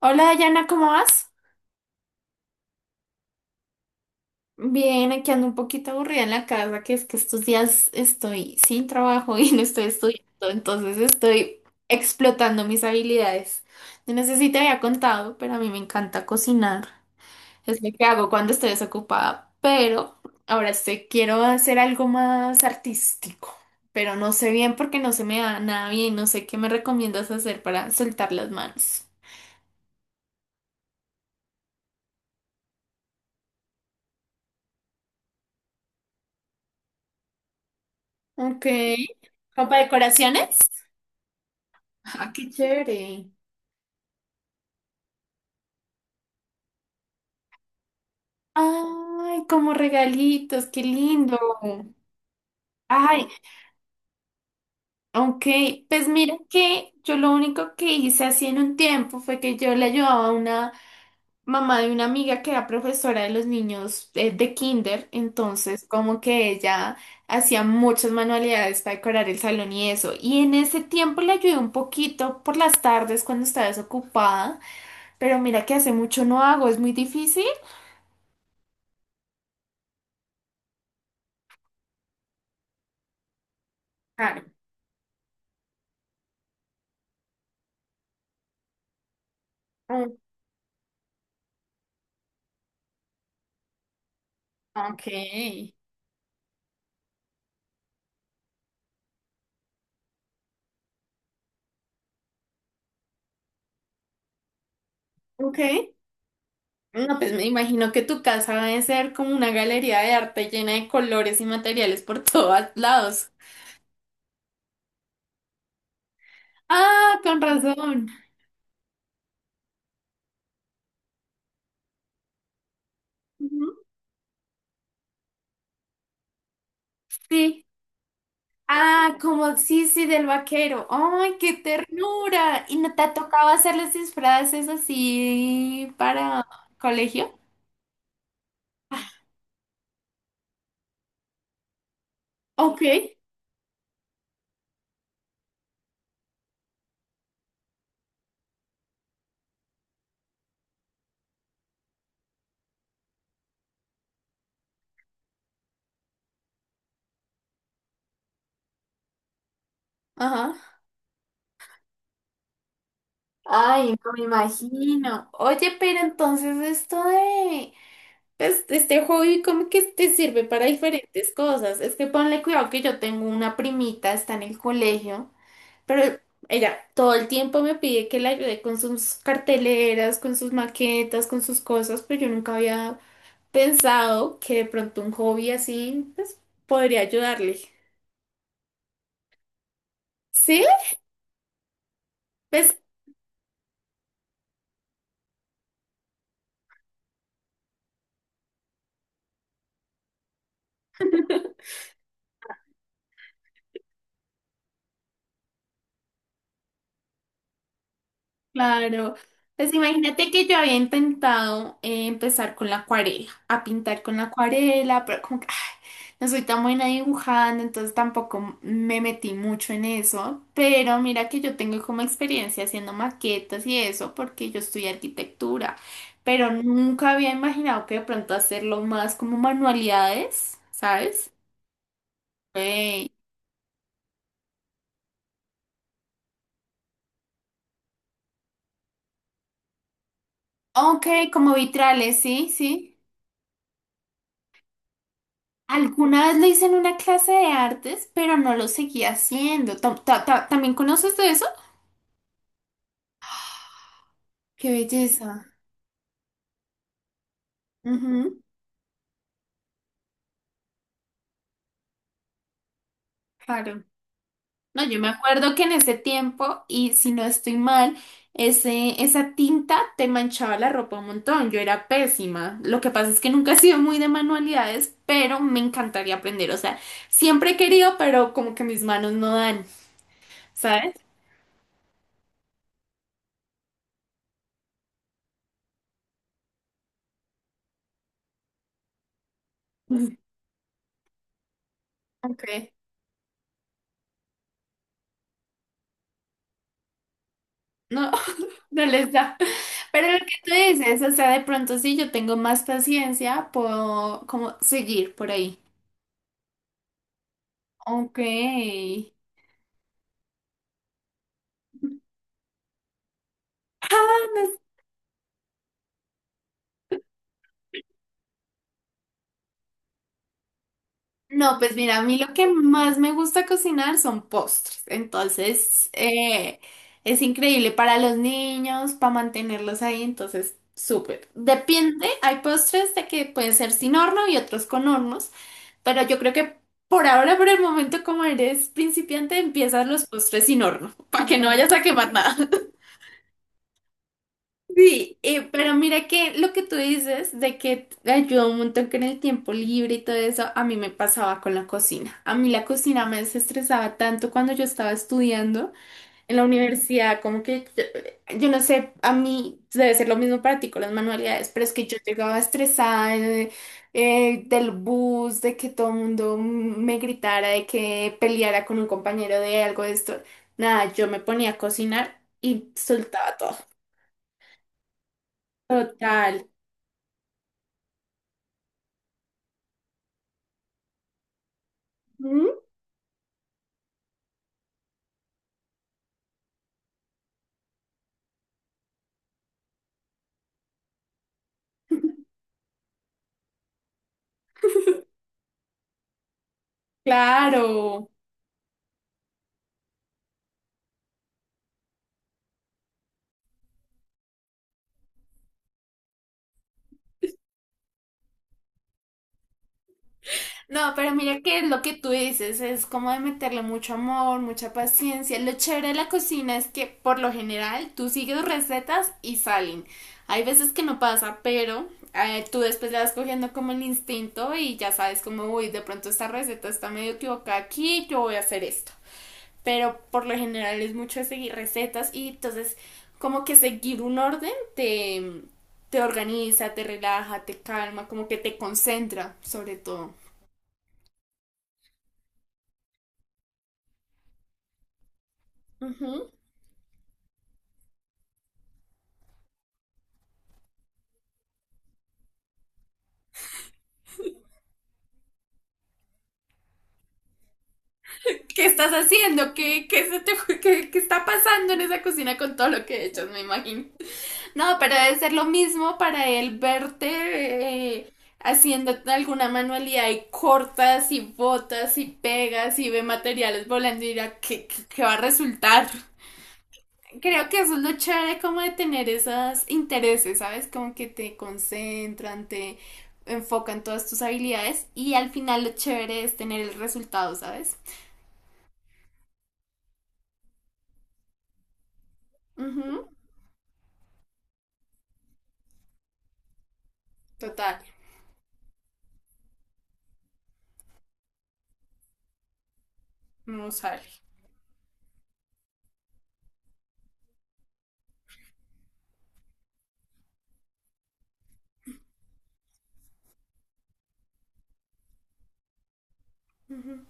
Hola Dayana, ¿cómo vas? Bien, aquí ando un poquito aburrida en la casa, que es que estos días estoy sin trabajo y no estoy estudiando, entonces estoy explotando mis habilidades. Yo no sé si te había contado, pero a mí me encanta cocinar. Es lo que hago cuando estoy desocupada, pero ahora estoy, quiero hacer algo más artístico, pero no sé bien porque no se me da nada bien, no sé qué me recomiendas hacer para soltar las manos. Ok. ¿Como para decoraciones? Ah, qué chévere. Ay, como regalitos, qué lindo. Ay, ok, pues mira que yo lo único que hice así en un tiempo fue que yo le ayudaba a una mamá de una amiga que era profesora de los niños de kinder, entonces como que ella hacía muchas manualidades para decorar el salón y eso, y en ese tiempo le ayudé un poquito por las tardes cuando estaba desocupada, pero mira que hace mucho no hago, es muy difícil. Claro. Mm. Ok. Ok. No, pues me imagino que tu casa debe ser como una galería de arte llena de colores y materiales por todos lados. Ah, con razón. Ujú. Sí. Ah, como sí, sí, del vaquero. ¡Ay, qué ternura! ¿Y no te ha tocado hacerles disfraces así para colegio? Ok. Ajá. Ay, no me imagino. Oye, pero entonces esto de pues este hobby como que te sirve para diferentes cosas. Es que ponle cuidado que yo tengo una primita, está en el colegio, pero ella todo el tiempo me pide que la ayude con sus carteleras, con sus maquetas, con sus cosas, pero yo nunca había pensado que de pronto un hobby así pues podría ayudarle. ¿Sí? Pues claro, pues imagínate que yo había intentado empezar con la acuarela, a pintar con la acuarela, pero como que ay, no soy tan buena dibujando, entonces tampoco me metí mucho en eso, pero mira que yo tengo como experiencia haciendo maquetas y eso, porque yo estudié arquitectura, pero nunca había imaginado que de pronto hacerlo más como manualidades, ¿sabes? Ey. Ok, como vitrales, sí, sí. Alguna vez lo hice en una clase de artes, pero no lo seguí haciendo. ¿También conoces de eso? Qué belleza. Ujú, claro. No, yo me acuerdo que en ese tiempo, y si no estoy mal, esa tinta te manchaba la ropa un montón. Yo era pésima. Lo que pasa es que nunca he sido muy de manualidades, pero me encantaría aprender. O sea, siempre he querido, pero como que mis manos no dan, ¿sabes? Ok. No, no les da. Pero lo que tú dices, o sea, de pronto sí yo tengo más paciencia, puedo como seguir por ahí. Ok. Ah, no, es- no, pues mira, a mí lo que más me gusta cocinar son postres. Entonces, es increíble para los niños, para mantenerlos ahí. Entonces, súper. Depende, hay postres de que pueden ser sin horno y otros con hornos. Pero yo creo que por ahora, por el momento, como eres principiante, empiezas los postres sin horno, para que no vayas a quemar nada. Sí, pero mira que lo que tú dices de que te ayuda un montón con el tiempo libre y todo eso, a mí me pasaba con la cocina. A mí la cocina me desestresaba tanto cuando yo estaba estudiando. En la universidad, como que yo no sé, a mí debe ser lo mismo para ti con las manualidades, pero es que yo llegaba estresada del bus, de que todo el mundo me gritara, de que peleara con un compañero de algo de esto. Nada, yo me ponía a cocinar y soltaba todo. Total. ¿Mm? Claro. No, pero mira que lo que tú dices es como de meterle mucho amor, mucha paciencia. Lo chévere de la cocina es que por lo general tú sigues recetas y salen. Hay veces que no pasa, pero tú después le vas cogiendo como el instinto y ya sabes como, uy, de pronto esta receta está medio equivocada aquí, yo voy a hacer esto. Pero por lo general es mucho de seguir recetas y entonces como que seguir un orden te organiza, te relaja, te calma, como que te concentra sobre todo. Ujú. ¿Qué estás haciendo? ¿Qué, qué, se te- qué- ¿Qué está pasando en esa cocina con todo lo que echas, me imagino? No, pero debe ser lo mismo para él verte eh, haciendo alguna manualidad y cortas y botas y pegas y ve materiales volando y dirá, ¿qué va a resultar? Creo que eso es lo chévere como de tener esos intereses, ¿sabes? Como que te concentran, te enfocan todas tus habilidades y al final lo chévere es tener el resultado, ¿sabes? Ujú, total. No sale. Ujú.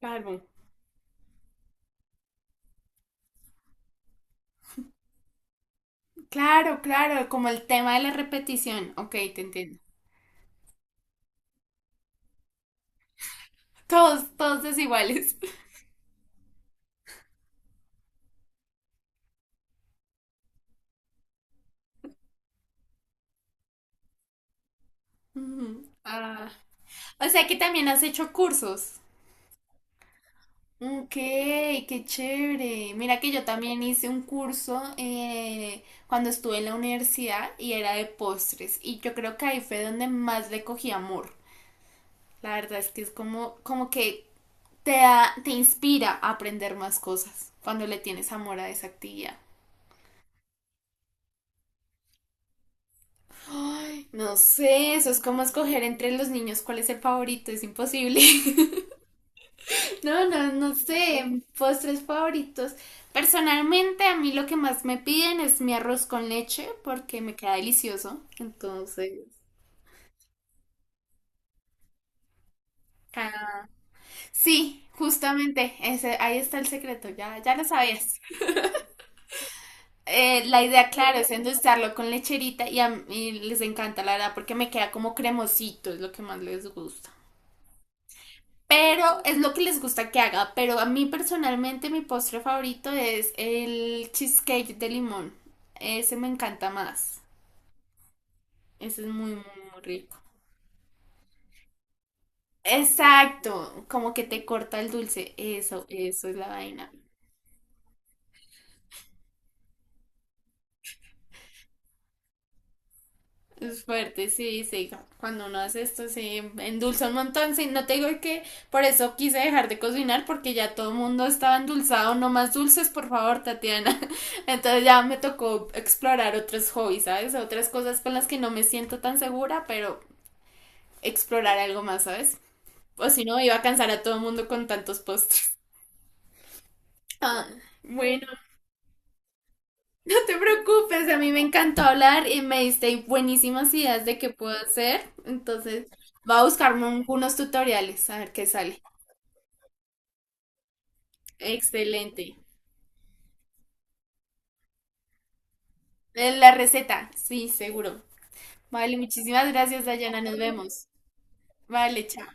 Claro, claro, como el tema de la repetición. Ok, te entiendo. Todos, todos desiguales. Ujú. Ah, o sea que también has hecho cursos. Ok, qué chévere. Mira que yo también hice un curso cuando estuve en la universidad y era de postres. Y yo creo que ahí fue donde más le cogí amor. La verdad es que es como, como que te inspira a aprender más cosas cuando le tienes amor a esa actividad. Ay, no sé, eso es como escoger entre los niños cuál es el favorito, es imposible. No, no, no sé, postres favoritos. Personalmente, a mí lo que más me piden es mi arroz con leche porque me queda delicioso. Entonces, ah, sí, justamente, ese, ahí está el secreto, ya lo sabías. La idea, claro, es endulzarlo con lecherita y a mí les encanta, la verdad, porque me queda como cremosito, es lo que más les gusta. Pero es lo que les gusta que haga. Pero a mí personalmente mi postre favorito es el cheesecake de limón. Ese me encanta más. Ese es muy, muy rico. Exacto, como que te corta el dulce. Eso es la vaina. Es fuerte, sí, sí. Cuando uno hace esto se endulza un montón. Sí, no te digo que por eso quise dejar de cocinar porque ya todo el mundo estaba endulzado. No más dulces, por favor, Tatiana. Entonces ya me tocó explorar otros hobbies, ¿sabes? Otras cosas con las que no me siento tan segura, pero explorar algo más, ¿sabes? O si no, iba a cansar a todo el mundo con tantos postres. Ah, bueno. No te preocupes, a mí me encantó hablar y me diste buenísimas ideas de qué puedo hacer. Entonces, voy a buscarme unos tutoriales a ver qué sale. Excelente. La receta, sí, seguro. Vale, muchísimas gracias, Dayana. Nos vemos. Vale, chao.